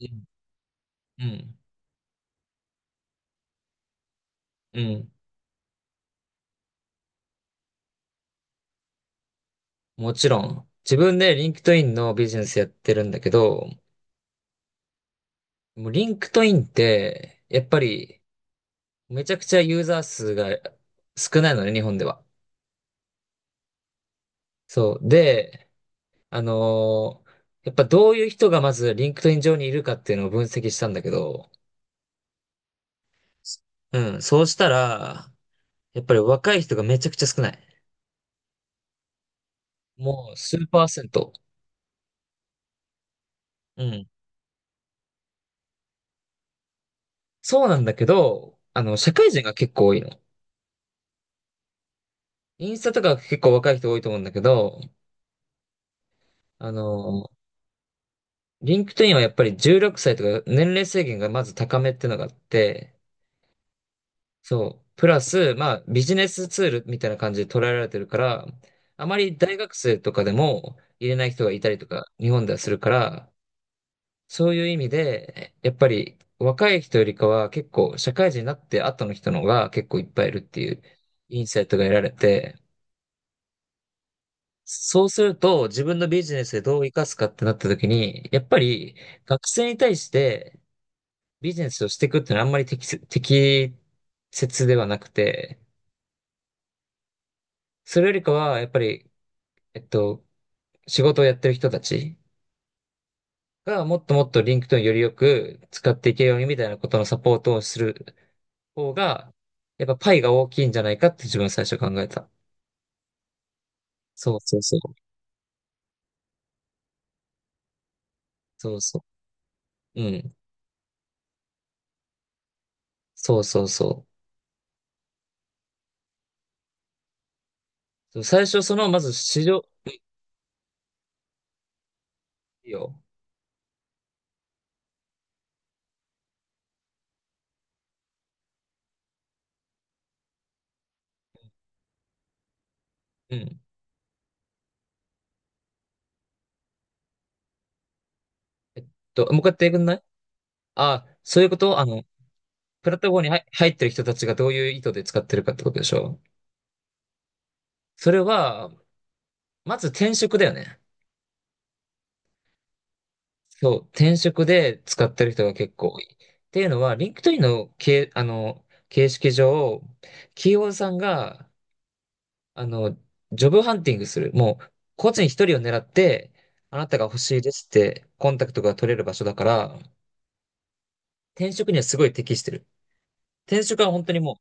うん。うん。もちろん。自分でリンクトインのビジネスやってるんだけど、もうリンクトインって、やっぱりめちゃくちゃユーザー数が少ないのね、日本では。そう。で、あのーやっぱどういう人がまずリンクトイン上にいるかっていうのを分析したんだけど、うん。そうしたら、やっぱり若い人がめちゃくちゃ少ない。もう数パーセント。うん。そうなんだけど、社会人が結構多いの。インスタとか結構若い人多いと思うんだけど、あの、リンクトインはやっぱり16歳とか年齢制限がまず高めってのがあって、そう。プラス、まあビジネスツールみたいな感じで捉えられてるから、あまり大学生とかでも入れない人がいたりとか、日本ではするから、そういう意味で、やっぱり若い人よりかは結構社会人になって後の人の方が結構いっぱいいるっていうインサイトが得られて、そうすると、自分のビジネスでどう生かすかってなった時に、やっぱり学生に対してビジネスをしていくってのはあんまり適切ではなくて、それよりかは、やっぱり、えっと、仕事をやってる人たちがもっともっとリンクト i よりよく使っていけるようにみたいなことのサポートをする方が、やっぱパイが大きいんじゃないかって自分最初考えた。そうそうそう。そうそう。うん。そうそうそう。最初その、まず市場、いいよ。うん。えっもう一回やってくんない？あ、そういうこと。プラットフォームに入ってる人たちがどういう意図で使ってるかってことでしょ？それは、まず転職だよね。そう、転職で使ってる人が結構多い。っていうのは、リンクトインの形、あの、形式上、企業さんが、あの、ジョブハンティングする。もう、個人一人を狙って、あなたが欲しいですって、コンタクトが取れる場所だから、転職にはすごい適してる。転職は本当にもう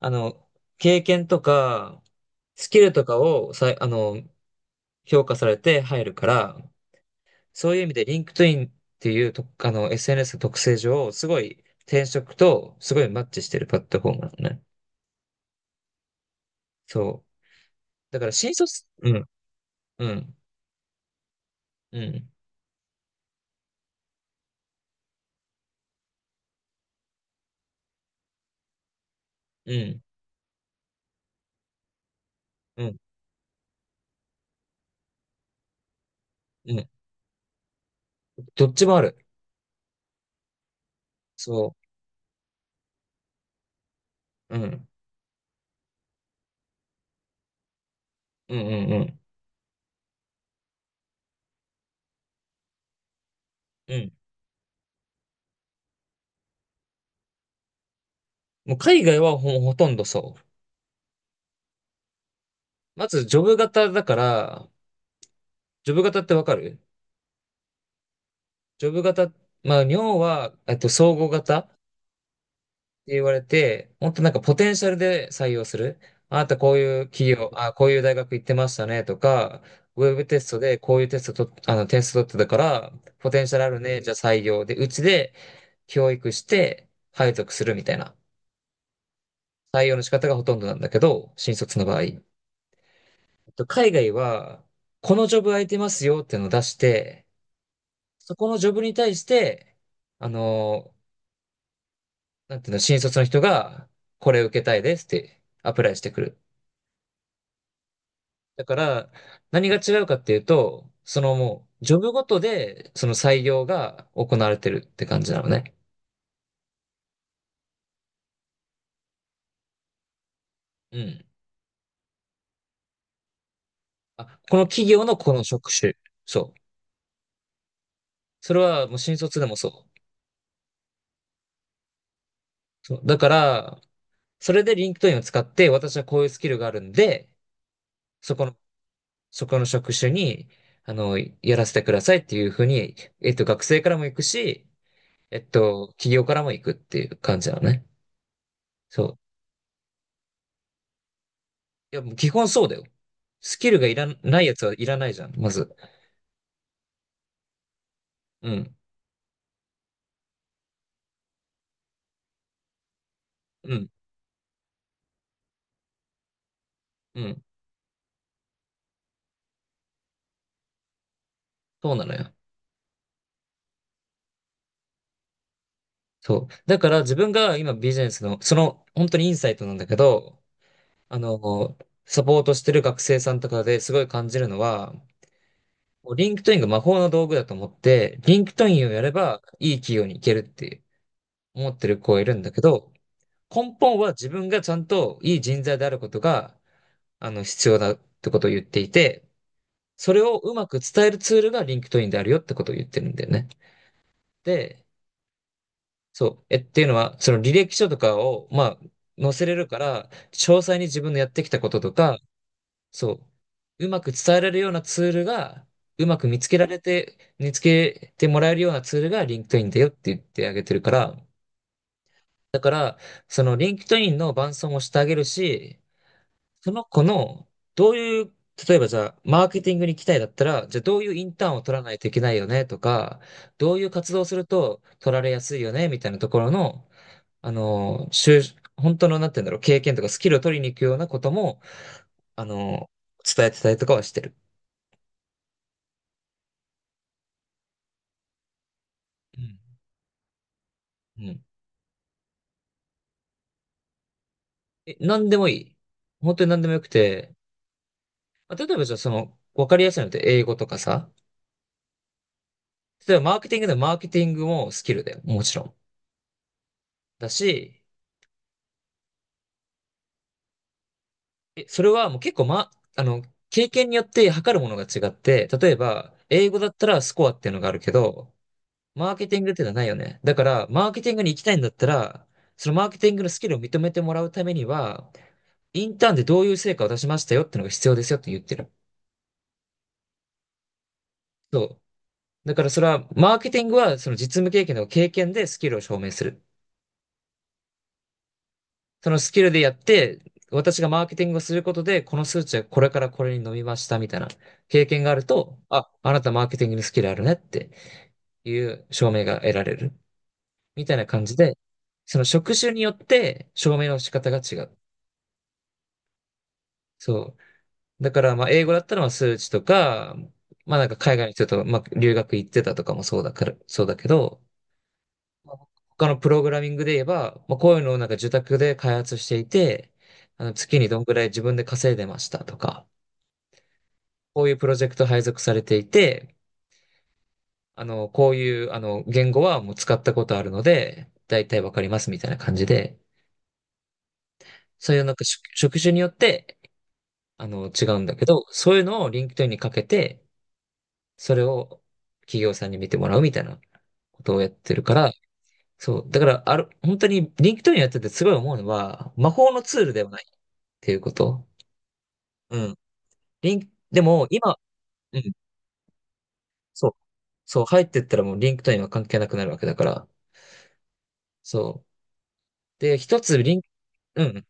あの、経験とか、スキルとかをさい、あの、評価されて入るから、そういう意味で、リンクトインっていうと、SNS の特性上、すごい転職とすごいマッチしてるプラットフォームなのね。そう。だから、新卒、うん、うん、うん、うん、うん、うん。どっちもある。そう。うん、うん、うん、うん。うん。もう海外はほとんどそう。まず、ジョブ型だから、ジョブ型ってわかる？ジョブ型、まあ、尿は、総合型って言われて、もっとなんかポテンシャルで採用する。あなたこういう企業、あ、こういう大学行ってましたねとか、ウェブテストでこういうテストと、テスト取ってたから、ポテンシャルあるね、じゃあ採用で、うちで教育して、配属するみたいな。採用の仕方がほとんどなんだけど、新卒の場合。海外は、このジョブ空いてますよっていうのを出して、そこのジョブに対して、あのなんていうの、新卒の人が、これ受けたいですってアプライしてくる。だから、何が違うかっていうと、そのもう、ジョブごとで、その採用が行われてるって感じなのね。うん。あ、この企業のこの職種。そう。それはもう新卒でもそう。そう。だから、それでリンクトインを使って、私はこういうスキルがあるんで、そこの、そこの職種に、やらせてくださいっていうふうに、学生からも行くし、企業からも行くっていう感じなのね。そう。いや、もう基本そうだよ。スキルがいらないやつはいらないじゃん、まず。うん、うん、うん。そうなのよ。そう。だから自分が今ビジネスの、本当にインサイトなんだけど、あの、サポートしてる学生さんとかですごい感じるのは、もうリンクトインが魔法の道具だと思って、リンクトインをやればいい企業に行けるって思ってる子がいるんだけど、根本は自分がちゃんといい人材であることが、必要だってことを言っていて、それをうまく伝えるツールが LinkedIn であるよってことを言ってるんだよね。で、そう。っていうのは、その履歴書とかを、まあ、載せれるから、詳細に自分のやってきたこととか、そう。うまく伝えられるようなツールが、うまく見つけられて、見つけてもらえるようなツールが LinkedIn だよって言ってあげてるから、だから、その LinkedIn の伴走もしてあげるし、その子の、どういう、例えばじゃあ、マーケティングに行きたいだったら、じゃあどういうインターンを取らないといけないよねとか、どういう活動をすると取られやすいよねみたいなところの、あの、就本当の、なんて言うんだろう、経験とかスキルを取りに行くようなことも、あの、伝えてたりとかはしてる。うん。うん。なんでもいい。本当になんでもよくて、あ例えばじゃあわかりやすいのって英語とかさ、例えばマーケティングでもマーケティングもスキルだよ。もちろん。だし、それはもう結構ま、あの、経験によって測るものが違って、例えば、英語だったらスコアっていうのがあるけど、マーケティングっていうのはないよね。だから、マーケティングに行きたいんだったら、そのマーケティングのスキルを認めてもらうためには、インターンでどういう成果を出しましたよっていうのが必要ですよって言ってる。そう。だからそれは、マーケティングはその実務経験でスキルを証明する。そのスキルでやって、私がマーケティングをすることで、この数値はこれからこれに伸びましたみたいな経験があると、あ、あなたマーケティングのスキルあるねっていう証明が得られる。みたいな感じで、その職種によって証明の仕方が違う。そう。だから、まあ、英語だったらまあ数値とか、まあなんか海外の人とまあ留学行ってたとかもそうだから、そうだけど、まあ他のプログラミングで言えば、まあ、こういうのをなんか受託で開発していて、月にどんぐらい自分で稼いでましたとか、こういうプロジェクト配属されていて、こういう、言語はもう使ったことあるので、だいたいわかりますみたいな感じで、そういうなんか職種によって、違うんだけど、そういうのを LinkedIn にかけて、それを企業さんに見てもらうみたいなことをやってるから、そう。だから、本当に LinkedIn やっててすごい思うのは、魔法のツールではないっていうこと。うん。でも今、うん。そう。そう、入ってったらもう LinkedIn は関係なくなるわけだから、そう。で、一つリン、うん、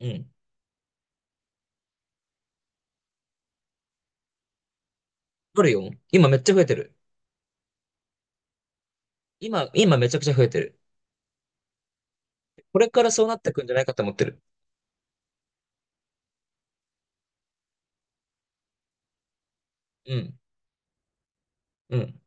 うん。あるよ。今めっちゃ増えてる。今めちゃくちゃ増えてる。これからそうなってくんじゃないかと思ってる。うん、うん。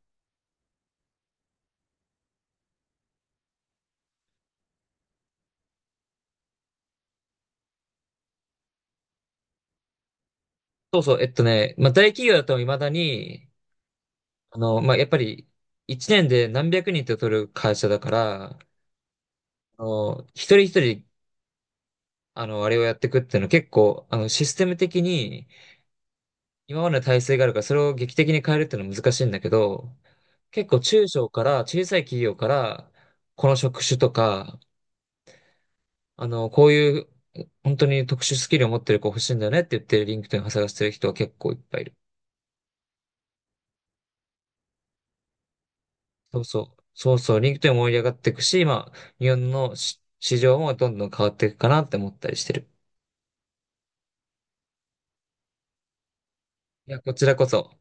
そうそう、まあ、大企業だと未だに、まあ、やっぱり、1年で何百人って取る会社だから、一人一人、あれをやっていくっていうのは結構、システム的に、今までの体制があるから、それを劇的に変えるっていうのは難しいんだけど、結構中小から、小さい企業から、この職種とか、こういう本当に特殊スキルを持ってる子欲しいんだよねって言って、リンクトインを探してる人は結構いっぱいいる。そうそう。そうそう。リンクトインも盛り上がっていくし、まあ、日本の市場もどんどん変わっていくかなって思ったりしてる。いや、こちらこそ。